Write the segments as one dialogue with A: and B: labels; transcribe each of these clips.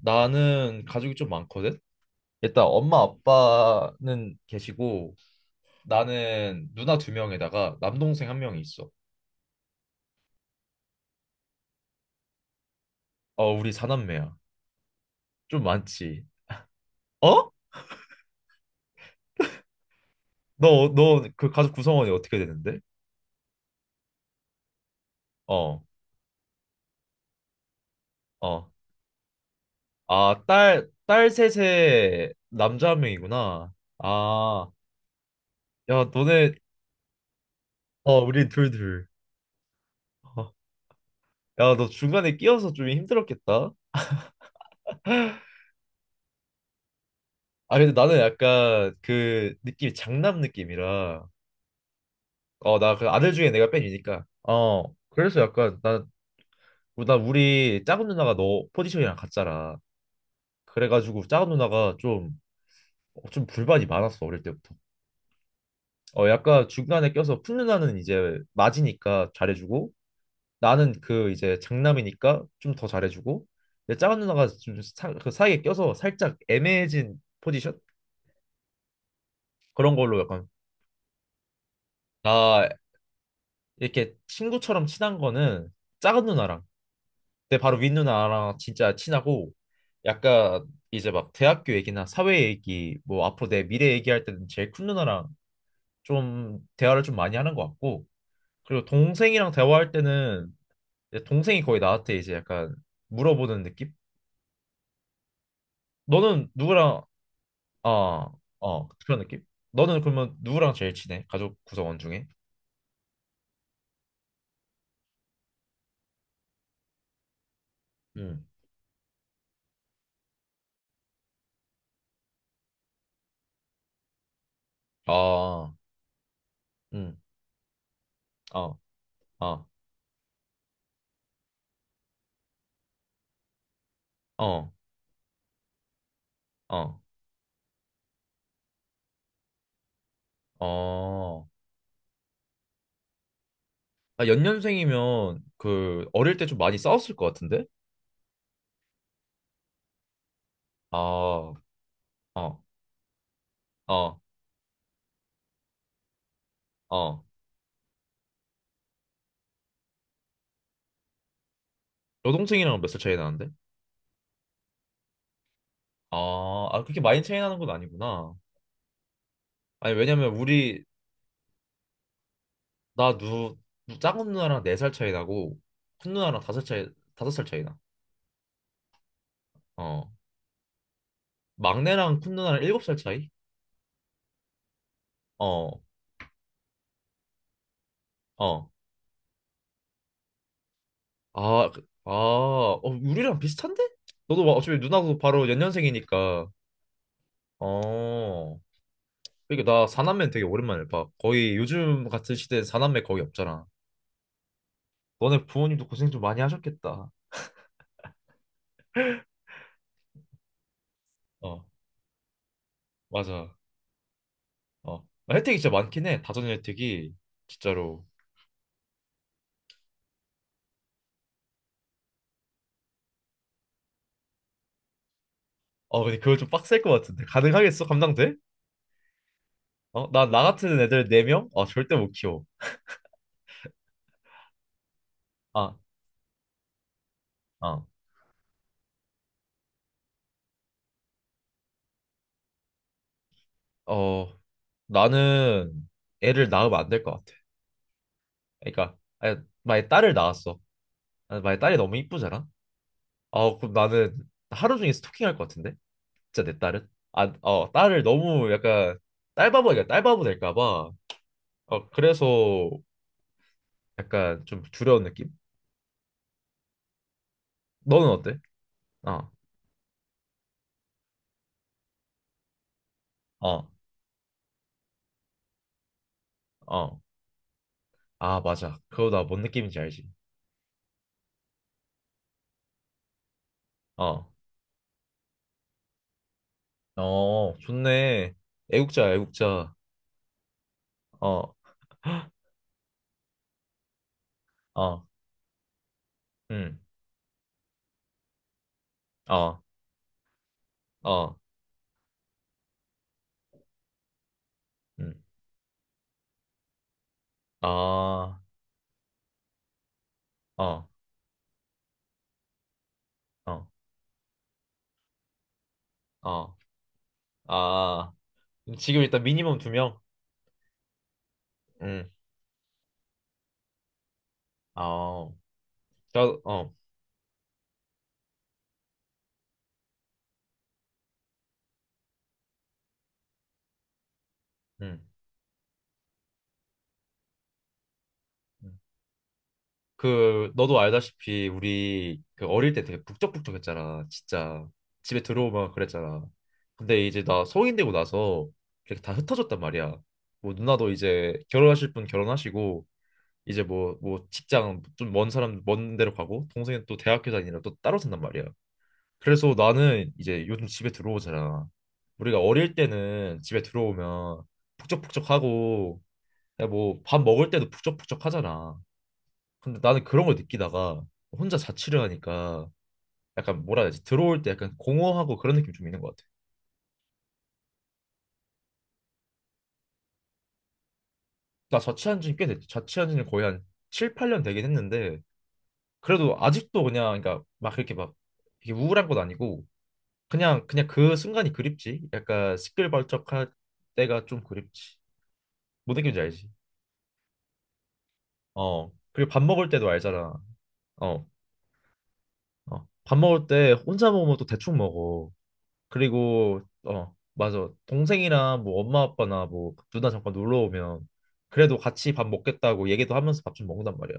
A: 나는 가족이 좀 많거든. 일단 엄마 아빠는 계시고 나는 누나 두 명에다가 남동생 한 명이 있어. 어, 우리 사남매야. 좀 많지. 어? 너 그 가족 구성원이 어떻게 되는데? 어. 어. 아, 딸 셋에 남자 한 명이구나. 아, 야, 너네 어, 우리 둘. 어, 야, 너 중간에 끼어서 좀 힘들었겠다. 아, 근데 나는 약간 그 느낌이 장남 느낌이라. 어, 나 그 아들 중에 내가 뺀이니까. 어, 그래서 약간 나, 나 우리 작은 누나가 너 포지션이랑 같잖아. 그래가지고 작은 누나가 좀, 좀 불만이 많았어, 어릴 때부터. 어, 약간 중간에 껴서 큰 누나는 이제 맞이니까 잘해주고, 나는 그 이제 장남이니까 좀 더 잘해주고, 근데 작은 누나가 좀 사, 그 사이에 껴서 살짝 애매해진 포지션? 그런 걸로 약간, 나 이렇게 친구처럼 친한 거는 작은 누나랑 근데 바로 윈 누나랑 진짜 친하고 약간 이제 막 대학교 얘기나 사회 얘기 뭐 앞으로 내 미래 얘기할 때는 제일 큰 누나랑 좀 대화를 좀 많이 하는 것 같고 그리고 동생이랑 대화할 때는 이제 동생이 거의 나한테 이제 약간 물어보는 느낌? 너는 누구랑 아, 어 그런 느낌? 너는 그러면 누구랑 제일 친해? 가족 구성원 중에? 음. 아, 음, 어, 어, 어, 어, 어. 아, 연년생이면 그 어릴 때 좀 많이 싸웠을 것 같은데? 아, 어, 어, 어. 여동생이랑 몇 살 차이 나는데? 아, 아, 그렇게 많이 차이 나는 건 아니구나. 아니, 왜냐면 우리, 나 누, 누- 작은 누나랑 네 살 차이 나고, 큰 누나랑 다섯 차이, 다섯 살 차이 나. 어. 막내랑 큰 누나랑 일곱 살 차이? 어, 어. 아, 그- 아, 어, 우리랑 비슷한데? 너도 막 어차피 누나도 바로 연년생이니까. 어. 이게 나 사남매 되게 오랜만에 봐. 거의 요즘 같은 시대에 사남매 거의 없잖아. 너네 부모님도 고생 좀 많이 하셨겠다. 어, 맞아. 어, 혜택이 진짜 많긴 해. 다전 혜택이 진짜로. 어, 근데 그거 좀 빡셀 것 같은데. 가능하겠어? 감당돼? 어, 나, 나 같은 애들 네명 어, 절대 못 키워. 아, 어, 어, 나는 애를 낳으면 안 될 것 같아. 그러니까, 아니, 만약에 딸을 낳았어. 아니, 만약에 딸이 너무 이쁘잖아? 아, 그럼 나는 하루 종일 스토킹할 것 같은데? 진짜 내 딸은? 아, 어, 딸을 너무 약간 딸바보니까 딸바보 될까 봐. 어, 그래서 약간 좀 두려운 느낌? 너는 어때? 어, 어, 어. 아, 맞아. 그거 나 뭔 느낌인지 알지? 어, 어, 좋네. 애국자, 애국자. 어, 어, 음, 어, 어, 음, 아, 어, 어, 어, 아. 지금 일단 미니멈 두 명. 음, 어, 자, 어, 음. 그 너도 알다시피 우리 그 어릴 때 되게 북적북적했잖아. 진짜 집에 들어오면 그랬잖아. 근데 이제 나 성인 되고 나서 이렇게 다 흩어졌단 말이야. 뭐 누나도 이제 결혼하실 분 결혼하시고 이제 뭐 직장 좀 먼 사람 먼 데로 가고 동생은 또 대학교 다니느라 또 따로 산단 말이야. 그래서 나는 이제 요즘 집에 들어오잖아. 우리가 어릴 때는 집에 들어오면 북적북적하고 뭐 밥 먹을 때도 북적북적하잖아. 근데 나는 그런 걸 느끼다가 혼자 자취를 하니까 약간 뭐라 해야 되지? 들어올 때 약간 공허하고 그런 느낌 좀 있는 것 같아. 나 자취한 지는 꽤 됐지. 자취한 지는 거의 한 7, 8년 되긴 했는데 그래도 아직도 그냥 그러니까 막 이렇게 막 이게 우울한 건 아니고 그냥 그 순간이 그립지. 약간 시끌벅적할 때가 좀 그립지. 뭔 느낌인지 알지? 어. 그리고 밥 먹을 때도 알잖아. 어. 어. 밥 먹을 때 혼자 먹으면 또 대충 먹어. 그리고 어 맞아 동생이랑 뭐 엄마 아빠나 뭐 누나 잠깐 놀러 오면 그래도 같이 밥 먹겠다고 얘기도 하면서 밥 좀 먹는단 말이야.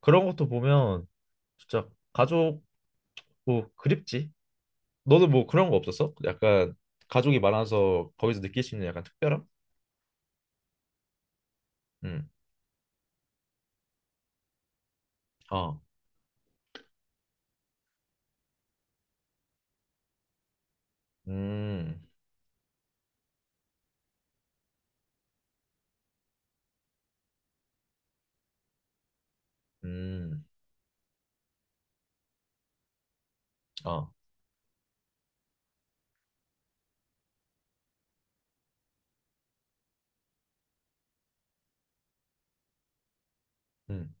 A: 그런 것도 보면 진짜 가족 뭐 그립지. 너는 뭐 그런 거 없었어? 약간 가족이 많아서 거기서 느낄 수 있는 약간 특별함? 음, 어, 음, 음, 어, 음,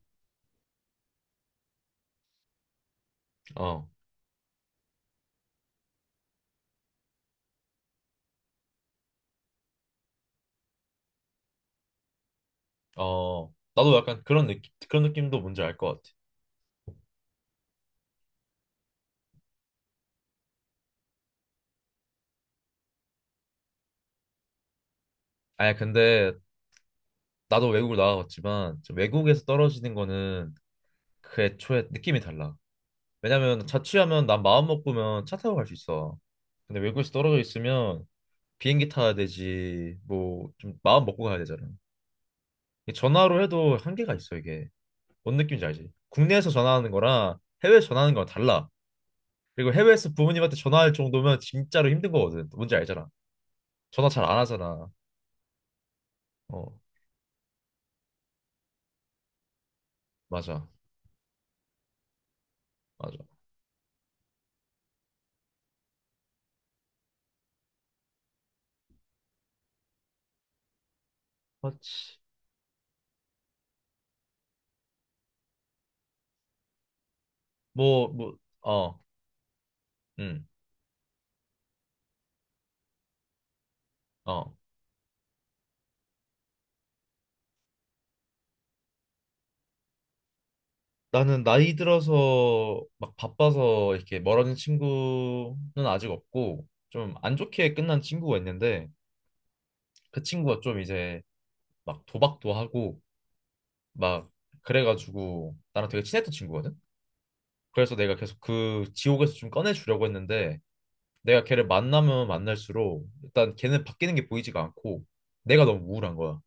A: 어, 어. 나도 약간 그런 느낌 그런 느낌도 뭔지 알 것 같아. 아니 근데 나도 외국을 나가봤지만 좀 외국에서 떨어지는 거는 그 애초에 느낌이 달라. 왜냐면 자취하면 난 마음 먹으면 차 타고 갈 수 있어. 근데 외국에서 떨어져 있으면 비행기 타야 되지. 뭐 좀 마음 먹고 가야 되잖아. 이 전화로 해도 한계가 있어 이게. 뭔 느낌인지 알지? 국내에서 전화하는 거랑 해외에서 전화하는 거랑 달라. 그리고 해외에서 부모님한테 전화할 정도면 진짜로 힘든 거거든. 뭔지 알잖아. 전화 잘 안 하잖아. 어, 맞아, 맞아. 그렇지. 뭐, 어, 응, 어. 나는 나이 들어서 막 바빠서 이렇게 멀어진 친구는 아직 없고 좀 안 좋게 끝난 친구가 있는데 그 친구가 좀 이제 막 도박도 하고 막 그래가지고 나랑 되게 친했던 친구거든. 그래서 내가 계속 그 지옥에서 좀 꺼내주려고 했는데 내가 걔를 만나면 만날수록 일단 걔는 바뀌는 게 보이지가 않고 내가 너무 우울한 거야.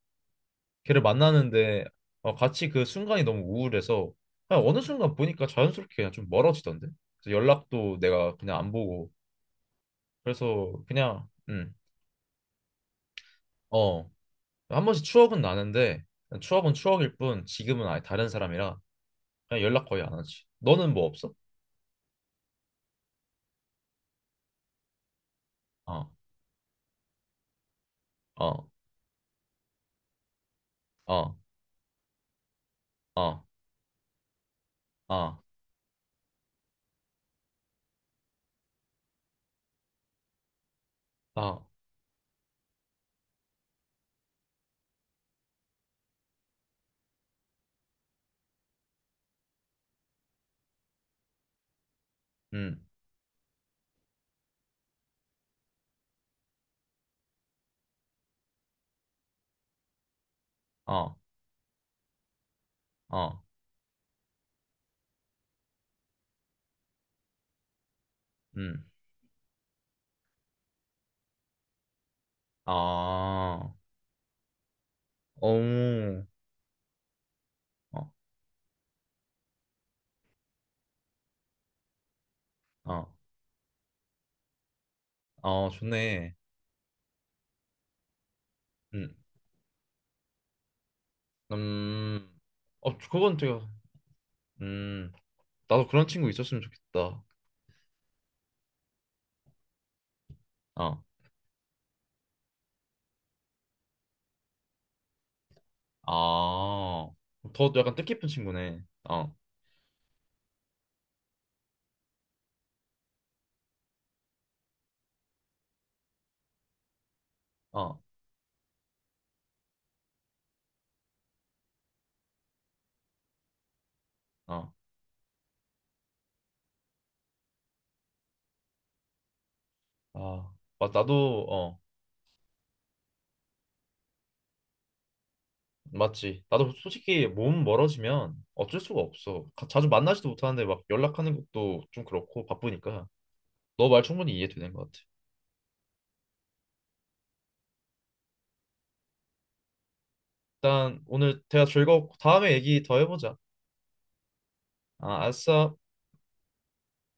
A: 걔를 만나는데 어, 같이 그 순간이 너무 우울해서 그냥 어느 순간 보니까 자연스럽게 그냥 좀 멀어지던데. 그래서 연락도 내가 그냥 안 보고 그래서 그냥 어, 한 번씩 추억은 나는데 추억은 추억일 뿐 지금은 아예 다른 사람이라 그냥 연락 거의 안 하지. 너는 뭐 없어? 어, 어, 어, 어, 어, 어, 어, 음, 어, 어, 음, 아, 어, 어, 어, 어, 좋네. 음, 음, 어, 그건 되게, 음, 나도 그런 친구 있었으면 좋겠다. 어, 아, 더 약간 뜻깊은 친구네. 어, 어, 어, 아, 맞, 나도, 어, 맞지. 나도 솔직히 몸 멀어지면 어쩔 수가 없어. 가- 자주 만나지도 못하는데 막 연락하는 것도 좀 그렇고 바쁘니까. 너 말 충분히 이해되는 것 같아. 일단 오늘 대화 즐거웠고 다음에 얘기 더 해보자. 아, 알았어.